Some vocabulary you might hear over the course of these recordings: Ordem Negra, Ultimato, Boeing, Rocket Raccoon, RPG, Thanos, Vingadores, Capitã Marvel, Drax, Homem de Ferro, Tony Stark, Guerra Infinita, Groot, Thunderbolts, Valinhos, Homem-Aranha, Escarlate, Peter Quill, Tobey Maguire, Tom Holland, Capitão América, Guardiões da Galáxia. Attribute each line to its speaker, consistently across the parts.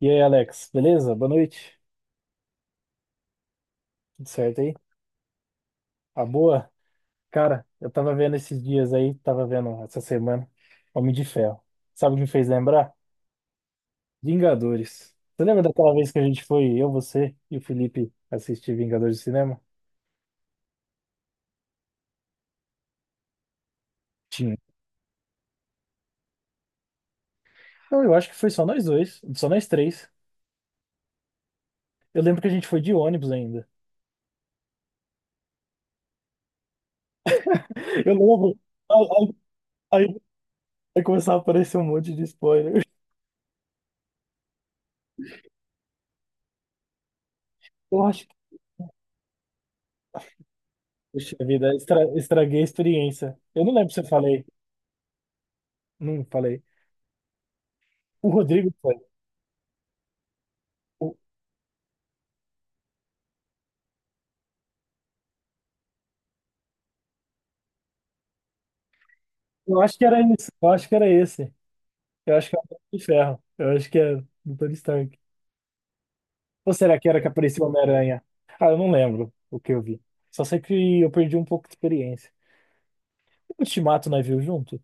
Speaker 1: E aí, Alex, beleza? Boa noite. Tudo certo aí? A boa? Cara, eu tava vendo esses dias aí, tava vendo essa semana, Homem de Ferro. Sabe o que me fez lembrar? Vingadores. Você lembra daquela vez que a gente foi, eu, você e o Felipe, assistir Vingadores de cinema? Tinha. Não, eu acho que foi só nós dois, só nós três. Eu lembro que a gente foi de ônibus ainda. Eu lembro. Aí, aí, aí começava a aparecer um monte de spoiler. Eu acho que. Puxa vida, estraguei a experiência. Eu não lembro se eu falei. Não falei. O Rodrigo foi. O- Eu acho que era esse. Eu acho que é o Homem de Ferro. Eu acho que é do Tony Stark. Ou será que era que apareceu o Homem-Aranha? Ah, eu não lembro o que eu vi. Só sei que eu perdi um pouco de experiência. O Ultimato nós viu junto?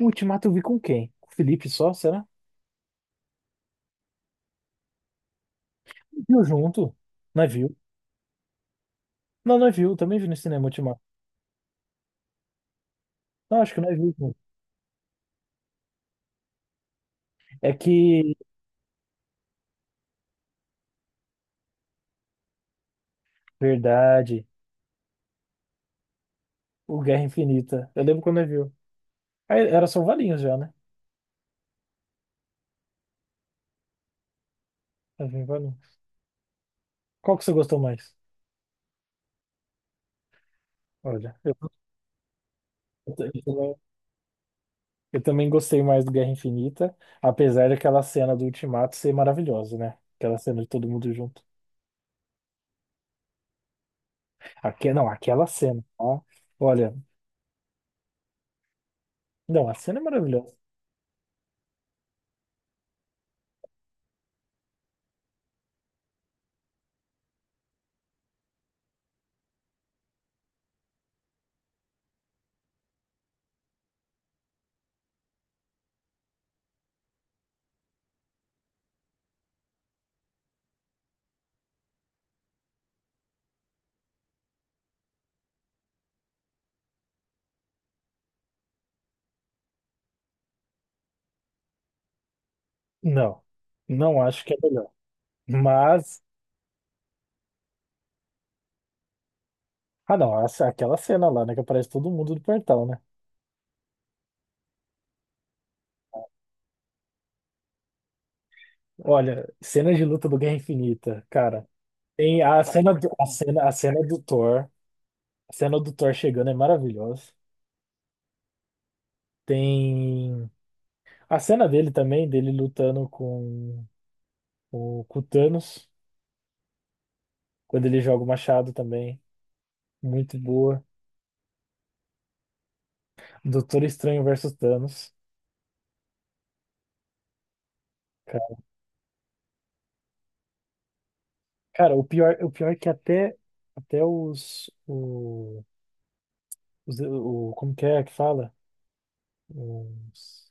Speaker 1: O Ultimato eu vi com quem? Com o Felipe só, será? Viu junto? Nós viu? Não, nós viu. Também vi no cinema o Ultimato. Não, acho que nós viu junto. É que. Verdade. O Guerra Infinita. Eu lembro quando nós viu. Aí era só o Valinhos já, né? Nós viu Valinhos. Qual que você gostou mais? Olha, Eu ta- eu também, eu também gostei mais do Guerra Infinita, apesar daquela cena do Ultimato ser maravilhosa, né? Aquela cena de todo mundo junto. Não, aquela cena, ó. Olha, não, a cena é maravilhosa. Não, não acho que é melhor. Mas, não, aquela cena lá, né, que aparece todo mundo do portal, né? Olha, cena de luta do Guerra Infinita, cara. Tem a cena do Thor, a cena do Thor chegando é maravilhosa. Tem a cena dele também, dele lutando com o Thanos, quando ele joga o machado também. Muito boa. Doutor Estranho versus Thanos. Cara, cara, o pior é que até Como que é que fala? Os,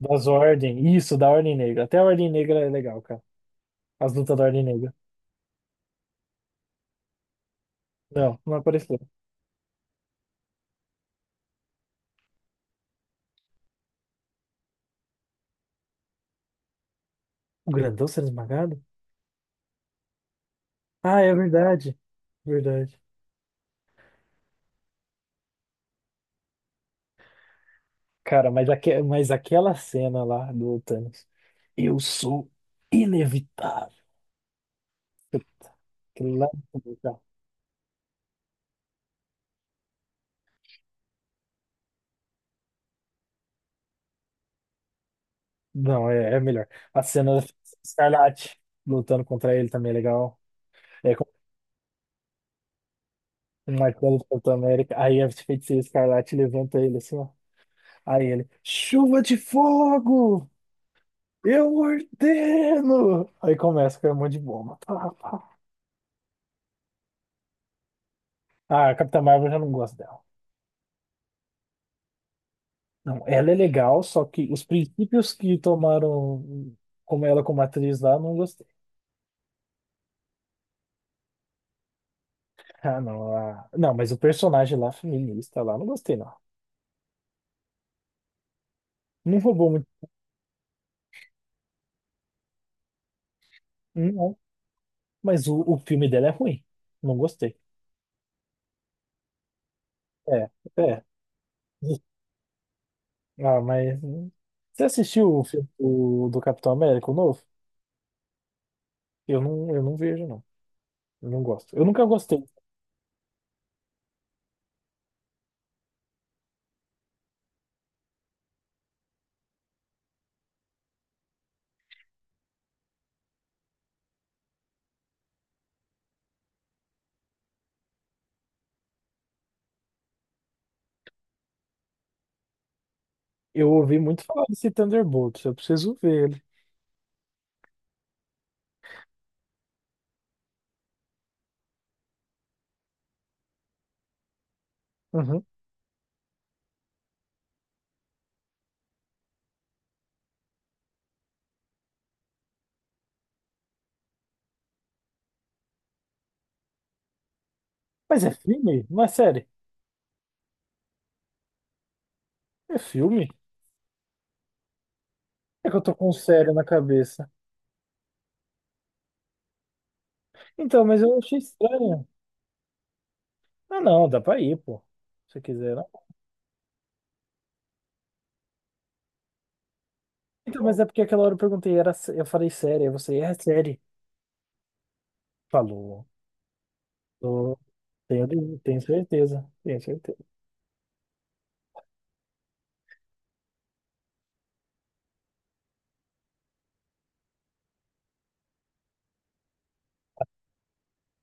Speaker 1: das Ordem. Isso, da Ordem Negra. Até a Ordem Negra é legal, cara. As lutas da Ordem Negra. Não, não apareceu. O grandão sendo esmagado? Ah, é verdade. Verdade. Cara, mas aquela cena lá do Thanos. Eu sou inevitável. Lá no começo, tá. Não, é melhor. A cena da Escarlate lutando contra ele também é legal. É com o Martelo do Capitão América. Aí a feiticeira Escarlate levanta ele assim, ó. Aí ele, chuva de fogo! Eu ordeno! Aí começa com um monte de bomba. Pá, pá. Ah, a Capitã Marvel eu já não gosta dela. Não, ela é legal, só que os princípios que tomaram como ela como atriz lá, não gostei. Ah, não. Não, mas o personagem lá, feminista lá, não gostei, não. Não roubou. Não, mas o filme dela é ruim. Não gostei. É, é. Ah, mas. Você assistiu o filme do Capitão América, o novo? Eu não vejo, não. Eu não gosto. Eu nunca gostei. Eu ouvi muito falar desse Thunderbolts. Eu preciso ver ele. Uhum. Mas é filme? Não é série? É filme? É que eu tô com série na cabeça. Então, mas eu achei estranho. Ah, não, dá pra ir, pô. Se quiser. Não. Então, mas é porque aquela hora eu perguntei, eu falei série. Aí você, é série. Falou. Tenho certeza, tenho certeza.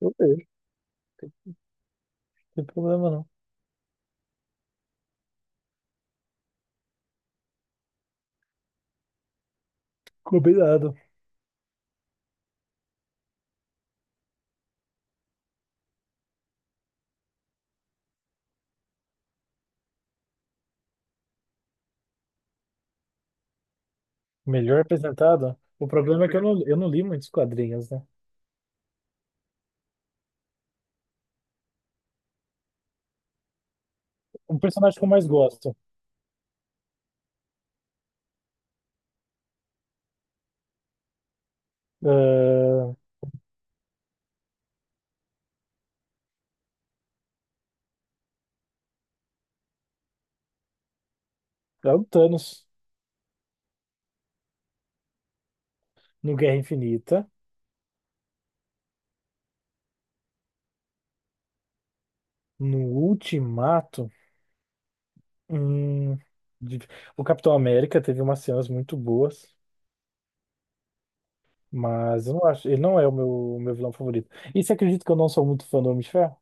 Speaker 1: Eu vejo, não tem problema não. Combinado. Melhor apresentado. O problema é que eu não li muitos quadrinhos, né? Um personagem que eu mais gosto ah, é o Thanos no Guerra Infinita, no Ultimato. hum, de- o Capitão América teve umas cenas muito boas, mas eu não acho, ele não é o meu, vilão favorito. E você acredita que eu não sou muito fã do Homem de Ferro?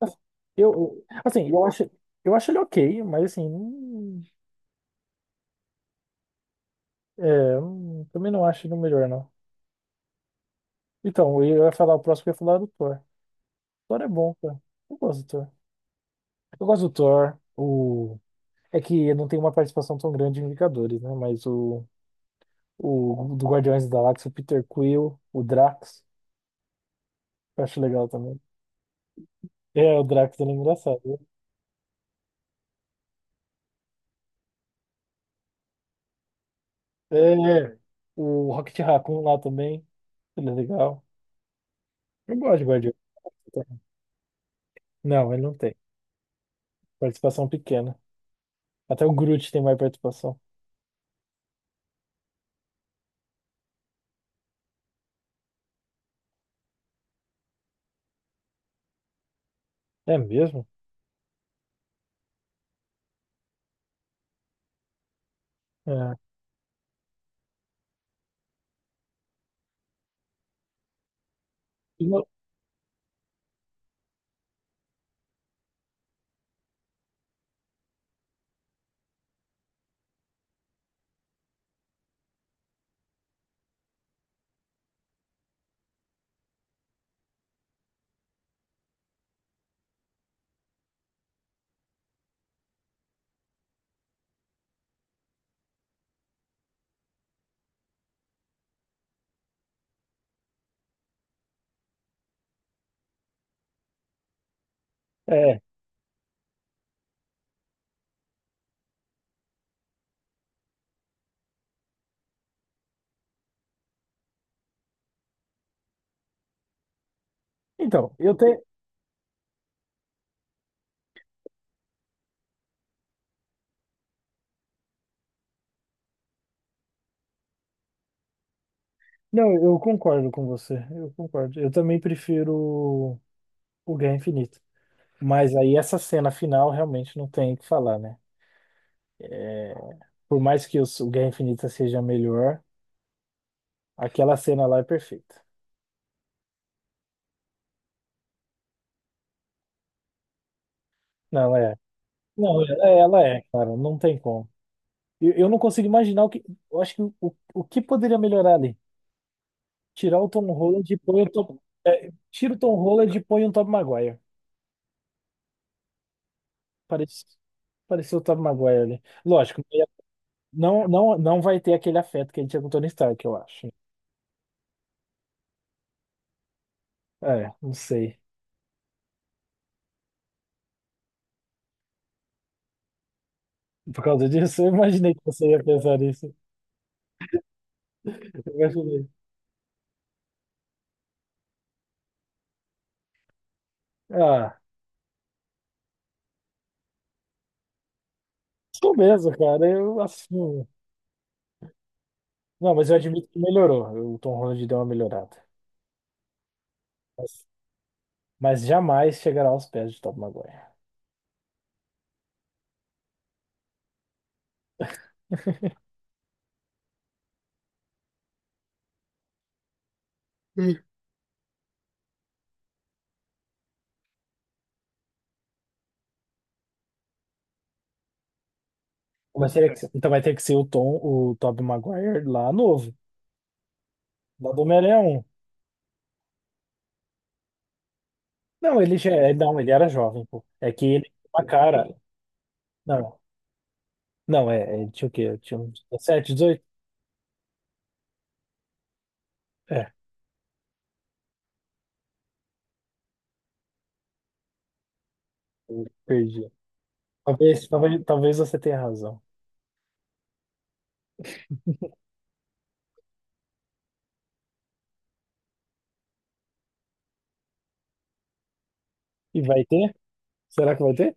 Speaker 1: Assim, assim, eu acho ele ok, mas assim. É, eu não- também não acho ele o melhor, não. Então, eu ia falar o próximo, eu ia falar é do Thor. Thor é bom, cara. Eu gosto do Thor. Eu gosto do Thor. É que não tem uma participação tão grande em Vingadores, né? Mas o do Guardiões da Galáxia, o Peter Quill, o Drax, eu acho legal também. É, o Drax ele é engraçado, né? É, é. O Rocket Raccoon lá também, ele é legal. Eu gosto de Guardiões. Não, ele não tem. Participação pequena. Até o Groot tem mais participação. É mesmo? É. É, então, eu tenho. Não, eu concordo com você. Eu concordo. Eu também prefiro o Guerra Infinita. Mas aí essa cena final realmente não tem o que falar, né? É, por mais que o Guerra Infinita seja melhor, aquela cena lá é perfeita. Não, é. Não, ela é, cara. Não tem como. Eu não consigo imaginar o que. Eu acho que o que poderia melhorar ali? Tirar o Tom Holland e põe o Tom. É, tira o Tom Holland e põe o Tom Maguire. Parece, pareceu o Tom Maguire ali. Lógico. Não, não, não vai ter aquele afeto que ele tinha com o Tony Stark, eu acho. É, não sei. Por causa disso, eu imaginei que você ia pensar nisso. Eu imaginei. Ah, sou mesmo, cara, eu assumo. Não, mas eu admito que melhorou. O Tom Holland deu uma melhorada. Mas, mas jamais chegará aos pés de Tobey Maguire. Mas teria que então vai ter que ser o Tom, o Tobey Maguire lá novo, lá do Homem-Aranha 1. Não, não, ele era jovem, pô. É que ele tinha uma cara. Não, não, tinha o quê? Tinha uns 17, 18? É, eu perdi. Talvez, talvez, talvez você tenha razão. E vai ter? Será que vai ter?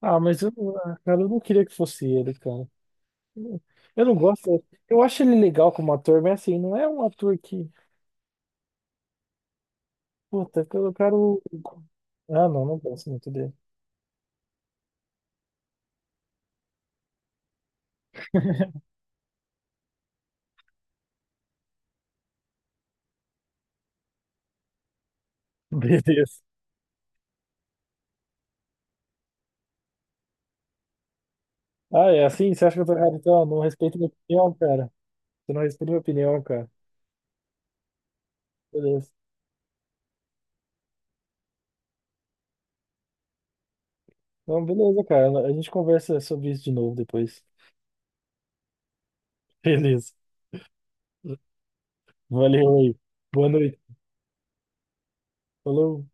Speaker 1: Ah, cara, eu não queria que fosse ele, cara. Eu não gosto. Eu acho ele legal como ator, mas assim, não é um ator que. Puta, eu quero. Ah, não, não gosto muito dele. Beleza. Ah, é assim? Você acha que eu tô errado? Então, não respeita minha opinião, cara. Você não respeita minha opinião, cara. Beleza. Então, beleza, cara. A gente conversa sobre isso de novo depois. Beleza. Valeu aí. Boa noite. Falou.